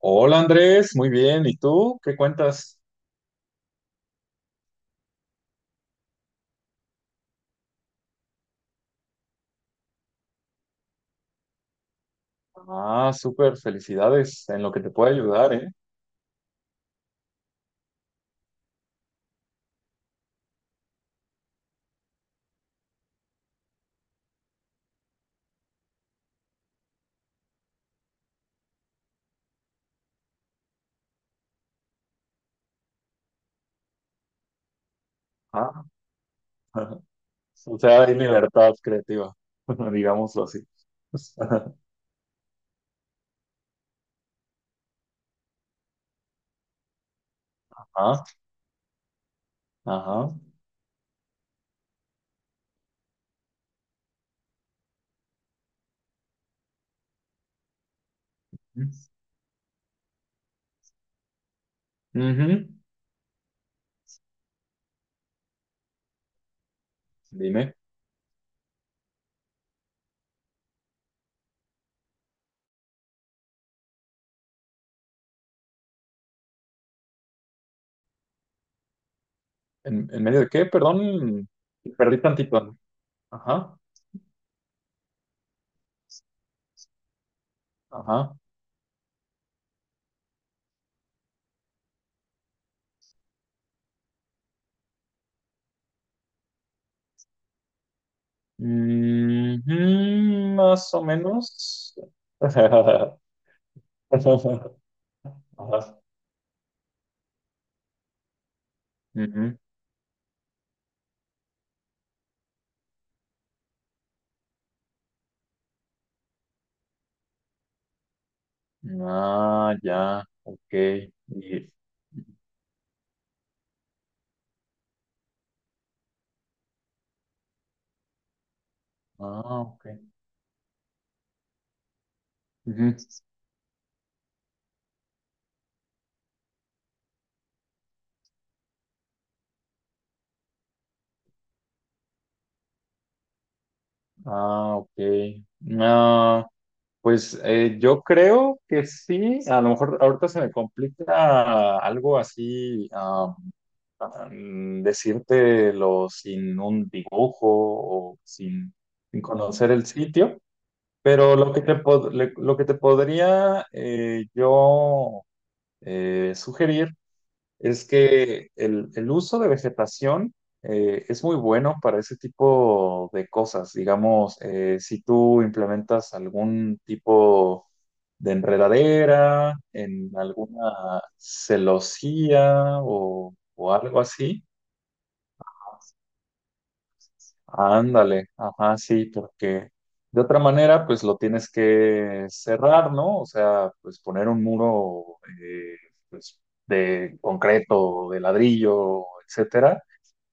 Hola Andrés, muy bien. ¿Y tú qué cuentas? Ah, súper, felicidades. En lo que te puede ayudar, ¿eh? Ah, o sea, hay libertad creativa, digámoslo así. Ah, ajá. Ujú. Dime, en medio de qué? Perdón, perdí tantito. Ajá, ajá. Ujú, más o menos. Ajá. Ujú. Ah, ya, ok. Y- Ah, ok. Ujú. Ah, ok. No, pues yo creo que sí. A lo mejor ahorita se me complica algo así, decírtelo sin un dibujo o sin, sin conocer el sitio, pero lo que te, lo que te podría yo sugerir es que el uso de vegetación es muy bueno para ese tipo de cosas. Digamos, si tú implementas algún tipo de enredadera en alguna celosía o algo así. Ándale, ajá, sí, porque de otra manera, pues lo tienes que cerrar, ¿no? O sea, pues poner un muro, pues, de concreto, de ladrillo, etcétera,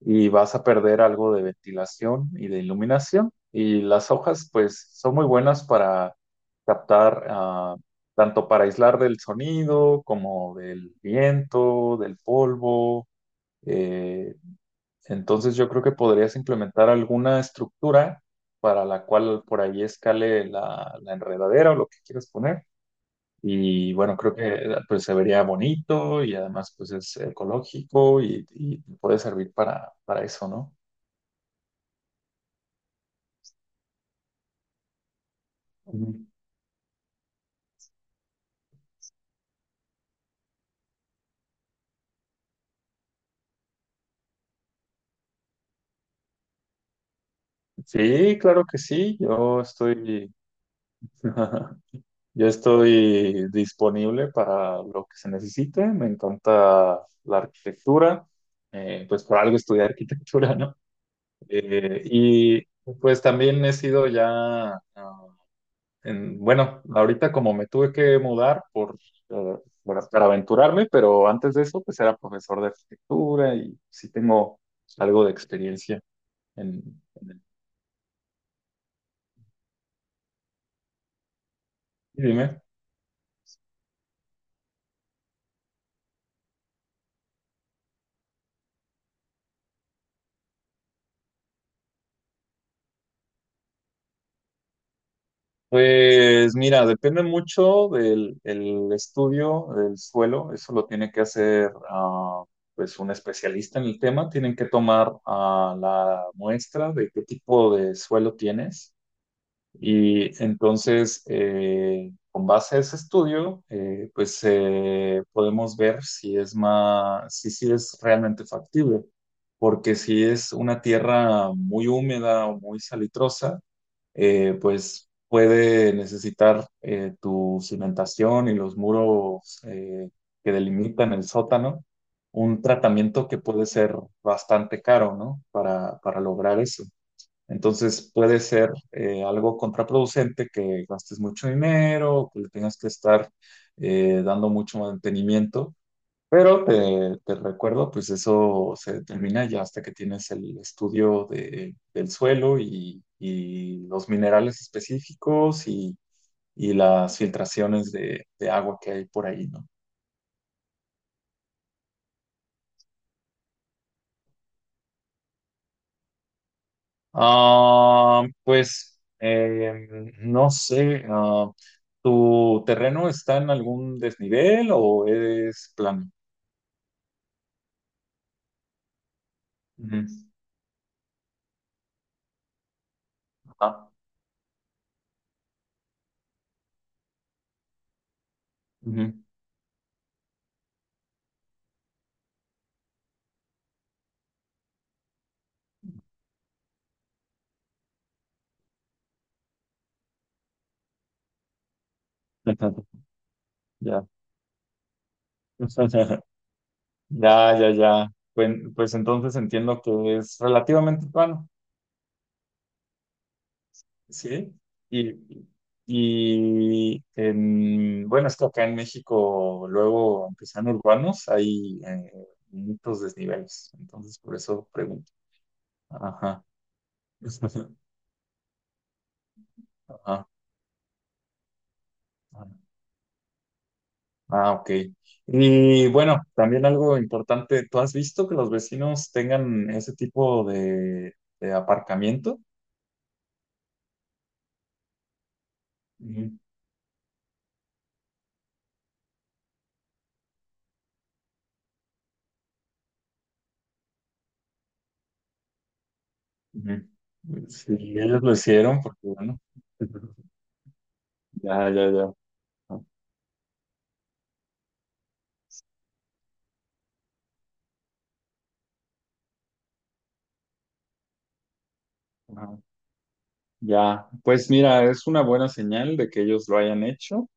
y vas a perder algo de ventilación y de iluminación. Y las hojas, pues, son muy buenas para captar, tanto para aislar del sonido como del viento, del polvo, eh, entonces yo creo que podrías implementar alguna estructura para la cual por ahí escale la enredadera o lo que quieras poner. Y bueno, creo que pues, se vería bonito y además pues es ecológico y puede servir para eso, ¿no? Ujú. Sí, claro que sí. Yo estoy, yo estoy disponible para lo que se necesite. Me encanta la arquitectura. Pues por algo estudié arquitectura, no. Y pues también he sido ya, ah, bueno, ahorita como me tuve que mudar por, eh, para aventurarme, pero antes de eso pues era profesor de arquitectura y sí tengo algo de experiencia en... Y dime. Pues mira, depende mucho del el estudio del suelo. Eso lo tiene que hacer, pues, un especialista en el tema. Tienen que tomar, la muestra de qué tipo de suelo tienes. Y entonces, con base a ese estudio, podemos ver si sí es realmente factible, porque si es una tierra muy húmeda o muy salitrosa, pues puede necesitar tu cimentación y los muros que delimitan el sótano, un tratamiento que puede ser bastante caro, ¿no? Para lograr eso. Entonces puede ser, algo contraproducente que gastes mucho dinero, que le tengas que estar, dando mucho mantenimiento, pero te recuerdo, pues eso se determina ya hasta que tienes el estudio del suelo y los minerales específicos y las filtraciones de agua que hay por ahí, ¿no? Ah, pues no sé, ah, ¿tu terreno está en algún desnivel o es plano? Ujú. Ah, ujú. Ya. Ya, ya, ya. Pues, pues entonces entiendo que es relativamente plano, ¿sí? Y, y en, bueno, es que acá en México, luego, aunque sean urbanos, hay muchos desniveles. Entonces, por eso pregunto. Ajá. Ah, ah, ah, ok. Y bueno, también algo importante, ¿tú has visto que los vecinos tengan ese tipo de aparcamiento? Ujú, ujú. Sí, ellos lo hicieron porque, bueno, ya, ya, ya. Ajá. Ya, pues mira, es una buena señal de que ellos lo hayan hecho.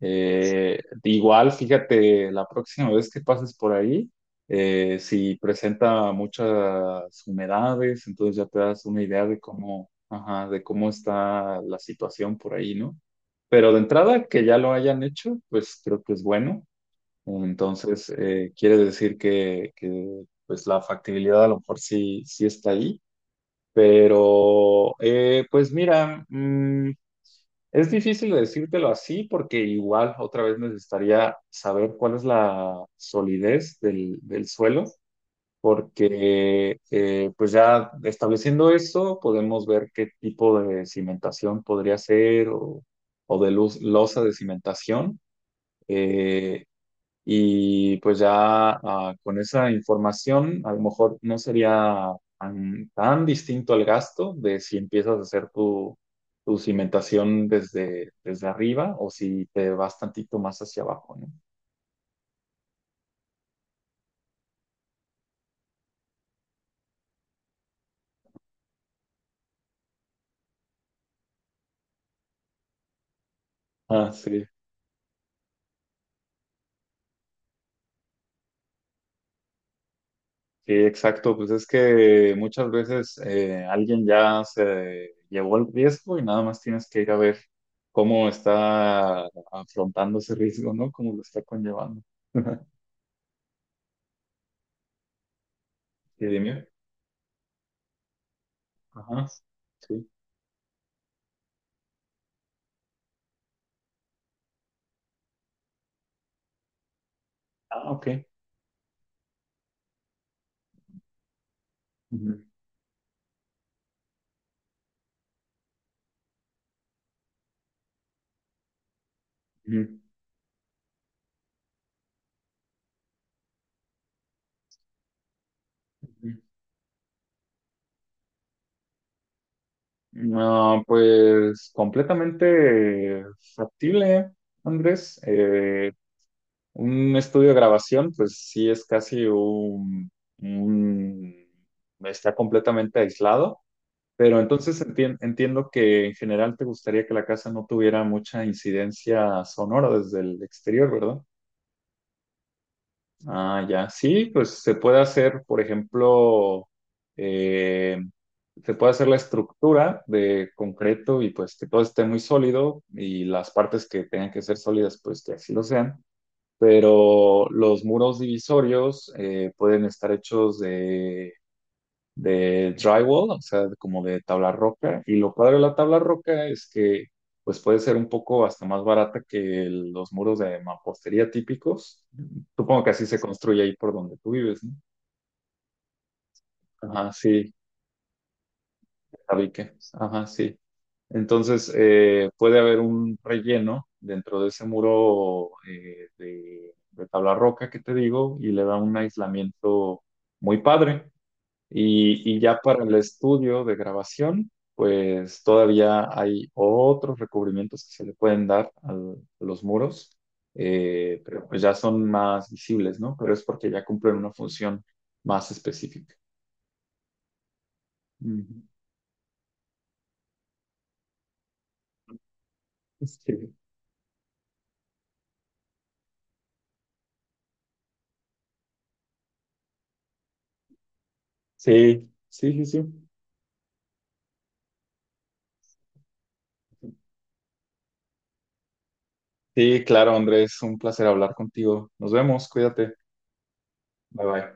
Eh, Igual, fíjate, la próxima vez que pases por ahí, si presenta muchas humedades, entonces ya te das una idea de cómo, ajá, de cómo está la situación por ahí, ¿no? Pero de entrada, que ya lo hayan hecho, pues creo que es bueno. Entonces, quiere decir que, pues la factibilidad a lo mejor sí, sí está ahí. Pero, pues mira, es difícil decírtelo así porque igual otra vez necesitaría saber cuál es la solidez del, del suelo, porque pues ya estableciendo eso podemos ver qué tipo de cimentación podría ser o de luz, losa de cimentación. Eh, y pues ya con esa información, a lo mejor no sería tan, tan distinto el gasto de si empiezas a hacer tu, tu cimentación desde, desde arriba o si te vas tantito más hacia abajo, ¿no? Ah, sí, sí, exacto. Pues es que muchas veces, alguien ya se llevó el riesgo y nada más tienes que ir a ver cómo está afrontando ese riesgo, ¿no? Cómo lo está conllevando. Y dime. Ajá. Sí. Ah, ok. Ujú, ujú, ujú. No, pues completamente factible, Andrés. Un estudio de grabación, pues sí es casi un- está completamente aislado, pero entonces entiendo que en general te gustaría que la casa no tuviera mucha incidencia sonora desde el exterior, ¿verdad? Ah, ya. Sí, pues se puede hacer, por ejemplo, eh, se puede hacer la estructura de concreto y pues que todo esté muy sólido y las partes que tengan que ser sólidas, pues que así lo sean. Pero los muros divisorios, pueden estar hechos de drywall, o sea, como de tabla roca. Y lo padre de la tabla roca es que pues puede ser un poco hasta más barata que los muros de mampostería típicos. Supongo que así se construye ahí por donde tú vives, ¿no? Ajá, sí, tabique. Ajá, sí. Entonces, puede haber un relleno dentro de ese muro, de tabla roca que te digo y le da un aislamiento muy padre. Y ya para el estudio de grabación, pues todavía hay otros recubrimientos que se le pueden dar a los muros, pero pues ya son más visibles, ¿no? Pero es porque ya cumplen una función más específica. Ujú. Sí, sí, sí, sí. Sí, sí, claro, Andrés, un placer hablar contigo. Nos vemos, cuídate. Bye bye.